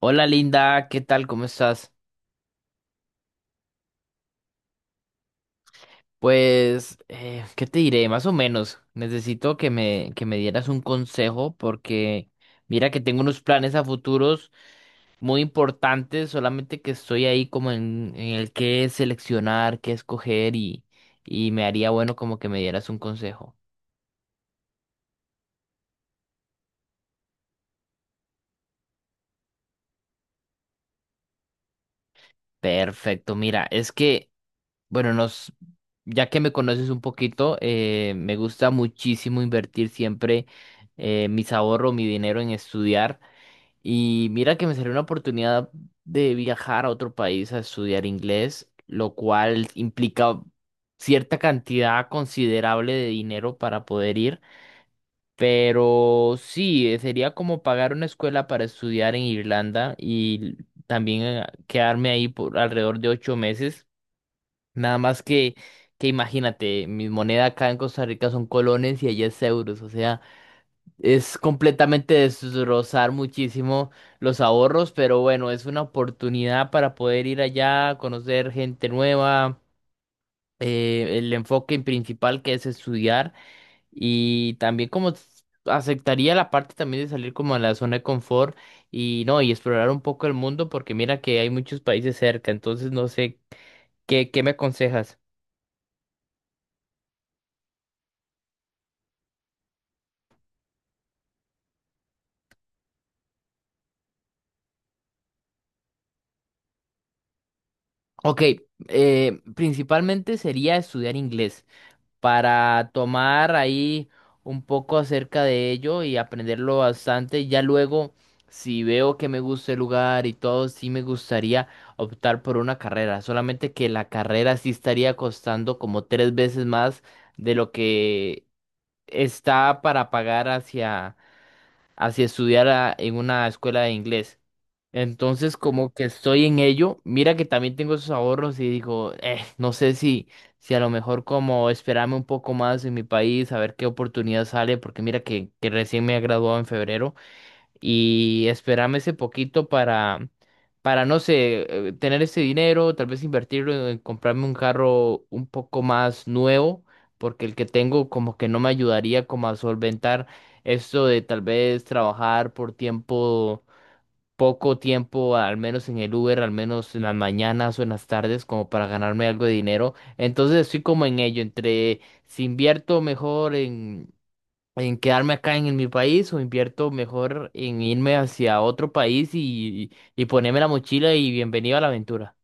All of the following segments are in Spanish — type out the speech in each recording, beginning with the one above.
Hola Linda, ¿qué tal? ¿Cómo estás? Pues, ¿qué te diré? Más o menos. Necesito que me dieras un consejo porque mira que tengo unos planes a futuros muy importantes, solamente que estoy ahí como en el qué seleccionar, qué escoger y me haría bueno como que me dieras un consejo. Perfecto, mira, es que, bueno, ya que me conoces un poquito, me gusta muchísimo invertir siempre mis ahorros, mi dinero en estudiar. Y mira que me salió una oportunidad de viajar a otro país a estudiar inglés, lo cual implica cierta cantidad considerable de dinero para poder ir. Pero sí, sería como pagar una escuela para estudiar en Irlanda y también quedarme ahí por alrededor de 8 meses. Nada más que imagínate, mi moneda acá en Costa Rica son colones y allá es euros. O sea, es completamente destrozar muchísimo los ahorros, pero bueno, es una oportunidad para poder ir allá, conocer gente nueva, el enfoque principal que es estudiar y también como aceptaría la parte también de salir como a la zona de confort y no, y explorar un poco el mundo porque mira que hay muchos países cerca, entonces no sé, ¿qué me aconsejas? Ok, principalmente sería estudiar inglés para tomar ahí un poco acerca de ello y aprenderlo bastante. Ya luego, si veo que me gusta el lugar y todo, sí me gustaría optar por una carrera. Solamente que la carrera sí estaría costando como 3 veces más de lo que está para pagar hacia estudiar en una escuela de inglés. Entonces, como que estoy en ello, mira que también tengo esos ahorros y digo, no sé si a lo mejor como esperarme un poco más en mi país, a ver qué oportunidad sale, porque mira que recién me he graduado en febrero y esperarme ese poquito para no sé, tener ese dinero, tal vez invertirlo en comprarme un carro un poco más nuevo, porque el que tengo como que no me ayudaría como a solventar esto de tal vez trabajar por tiempo poco tiempo, al menos en el Uber, al menos en las mañanas o en las tardes, como para ganarme algo de dinero. Entonces estoy como en ello, entre si invierto mejor en quedarme acá en mi país o invierto mejor en irme hacia otro país y ponerme la mochila y bienvenido a la aventura.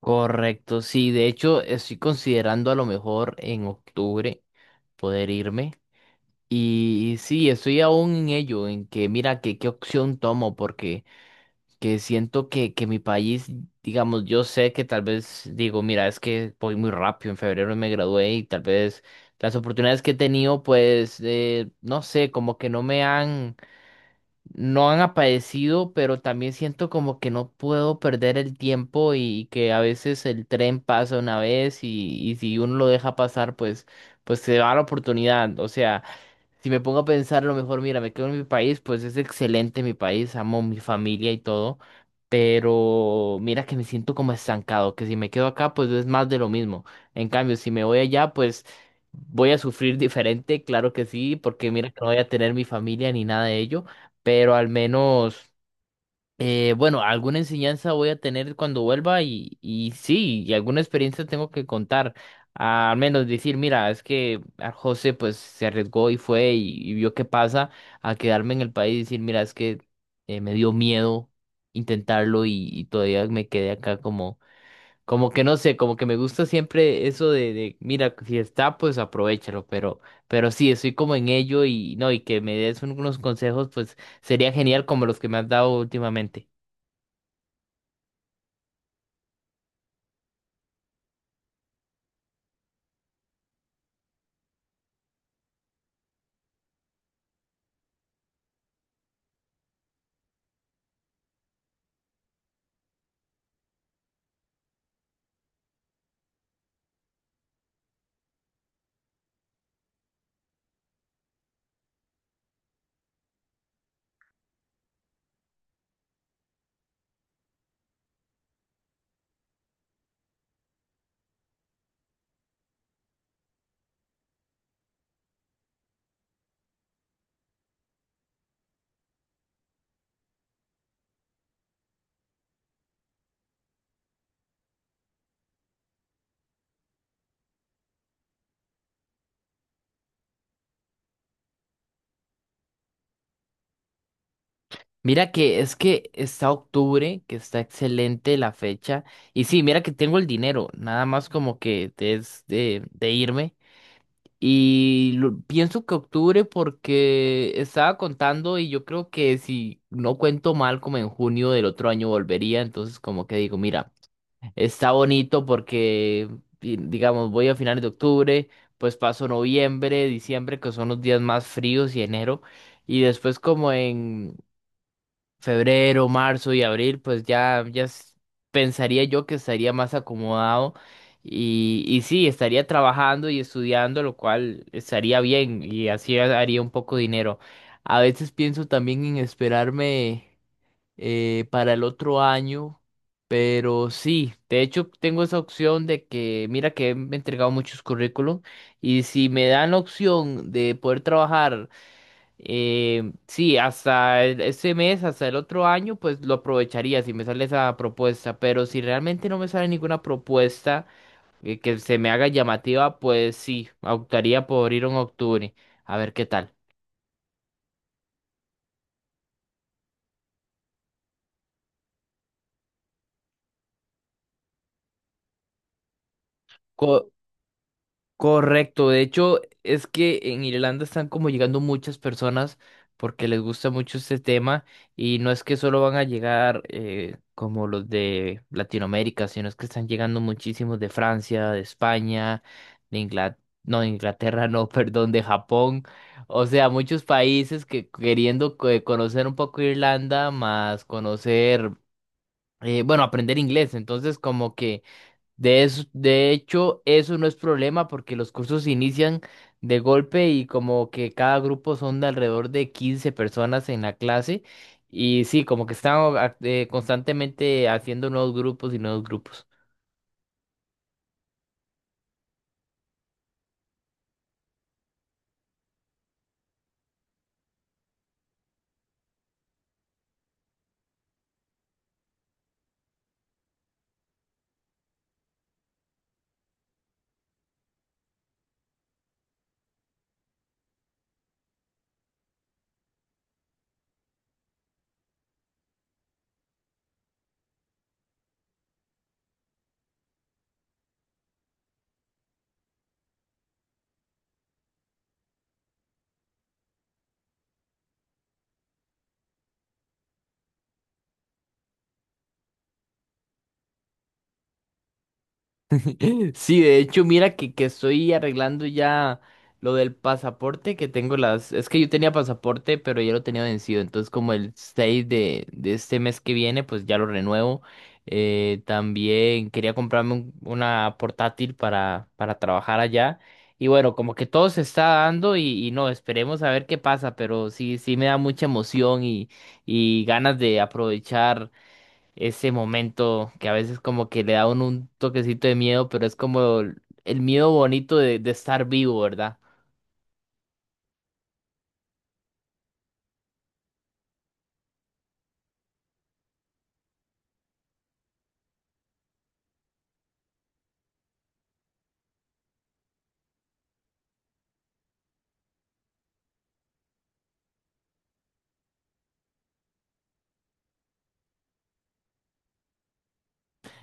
Correcto, sí, de hecho estoy considerando a lo mejor en octubre poder irme. Y sí, estoy aún en ello, en que mira que qué opción tomo, porque que siento que mi país, digamos, yo sé que tal vez digo, mira, es que voy muy rápido, en febrero me gradué y tal vez las oportunidades que he tenido, pues, no sé, como que no me han, no han aparecido, pero también siento como que no puedo perder el tiempo y, que a veces el tren pasa una vez y si uno lo deja pasar, pues se va la oportunidad, o sea. Si me pongo a pensar, a lo mejor, mira, me quedo en mi país, pues es excelente mi país, amo mi familia y todo, pero mira que me siento como estancado, que si me quedo acá, pues es más de lo mismo. En cambio, si me voy allá, pues voy a sufrir diferente, claro que sí, porque mira que no voy a tener mi familia ni nada de ello, pero al menos. Bueno, alguna enseñanza voy a tener cuando vuelva y sí, y alguna experiencia tengo que contar. Ah, al menos decir, mira, es que a José pues se arriesgó y fue y vio qué pasa a quedarme en el país y decir, mira, es que me dio miedo intentarlo y todavía me quedé acá como que no sé, como que me gusta siempre eso de, mira, si está, pues aprovéchalo, pero sí, estoy como en ello y no, y que me des unos consejos, pues sería genial como los que me has dado últimamente. Mira que es que está octubre, que está excelente la fecha. Y sí, mira que tengo el dinero, nada más como que es de irme. Y pienso que octubre porque estaba contando y yo creo que si no cuento mal, como en junio del otro año volvería. Entonces como que digo, mira, está bonito porque, digamos, voy a finales de octubre, pues paso noviembre, diciembre, que son los días más fríos y enero. Y después como en febrero, marzo y abril, pues pensaría yo que estaría más acomodado y sí, estaría trabajando y estudiando, lo cual estaría bien y así haría un poco de dinero. A veces pienso también en esperarme para el otro año, pero sí, de hecho tengo esa opción de que, mira que me he entregado muchos currículum y si me dan la opción de poder trabajar sí, hasta este mes, hasta el otro año, pues lo aprovecharía si me sale esa propuesta, pero si realmente no me sale ninguna propuesta que se me haga llamativa, pues sí, optaría por ir en octubre, a ver qué tal. Correcto, de hecho es que en Irlanda están como llegando muchas personas porque les gusta mucho este tema y no es que solo van a llegar como los de Latinoamérica, sino es que están llegando muchísimos de Francia, de España, de Inglaterra, no, de Inglaterra no, perdón, de Japón, o sea, muchos países que queriendo conocer un poco Irlanda, más conocer, bueno, aprender inglés, entonces como que de de hecho, eso no es problema porque los cursos inician de golpe y como que cada grupo son de alrededor de 15 personas en la clase y sí, como que están constantemente haciendo nuevos grupos y nuevos grupos. Sí, de hecho, mira que estoy arreglando ya lo del pasaporte que tengo Es que yo tenía pasaporte, pero ya lo tenía vencido. Entonces, como el 6 de este mes que viene, pues ya lo renuevo. También quería comprarme una portátil para trabajar allá. Y bueno, como que todo se está dando y no, esperemos a ver qué pasa, pero sí, sí me da mucha emoción y ganas de aprovechar ese momento que a veces como que le da a uno un toquecito de miedo, pero es como el miedo bonito de estar vivo, ¿verdad?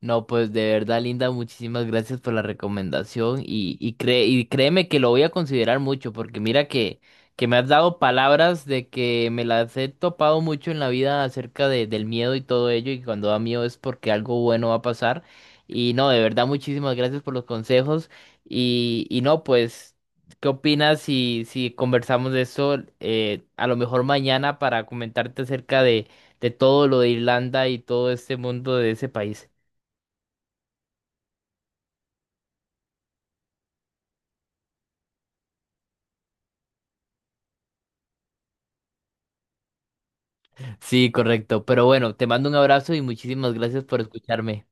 No, pues de verdad, Linda, muchísimas gracias por la recomendación y créeme que lo voy a considerar mucho porque mira que me has dado palabras de que me las he topado mucho en la vida acerca del miedo y todo ello y cuando da miedo es porque algo bueno va a pasar y no, de verdad, muchísimas gracias por los consejos y no, pues, ¿qué opinas si conversamos de eso a lo mejor mañana para comentarte acerca de todo lo de Irlanda y todo este mundo de ese país? Sí, correcto. Pero bueno, te mando un abrazo y muchísimas gracias por escucharme.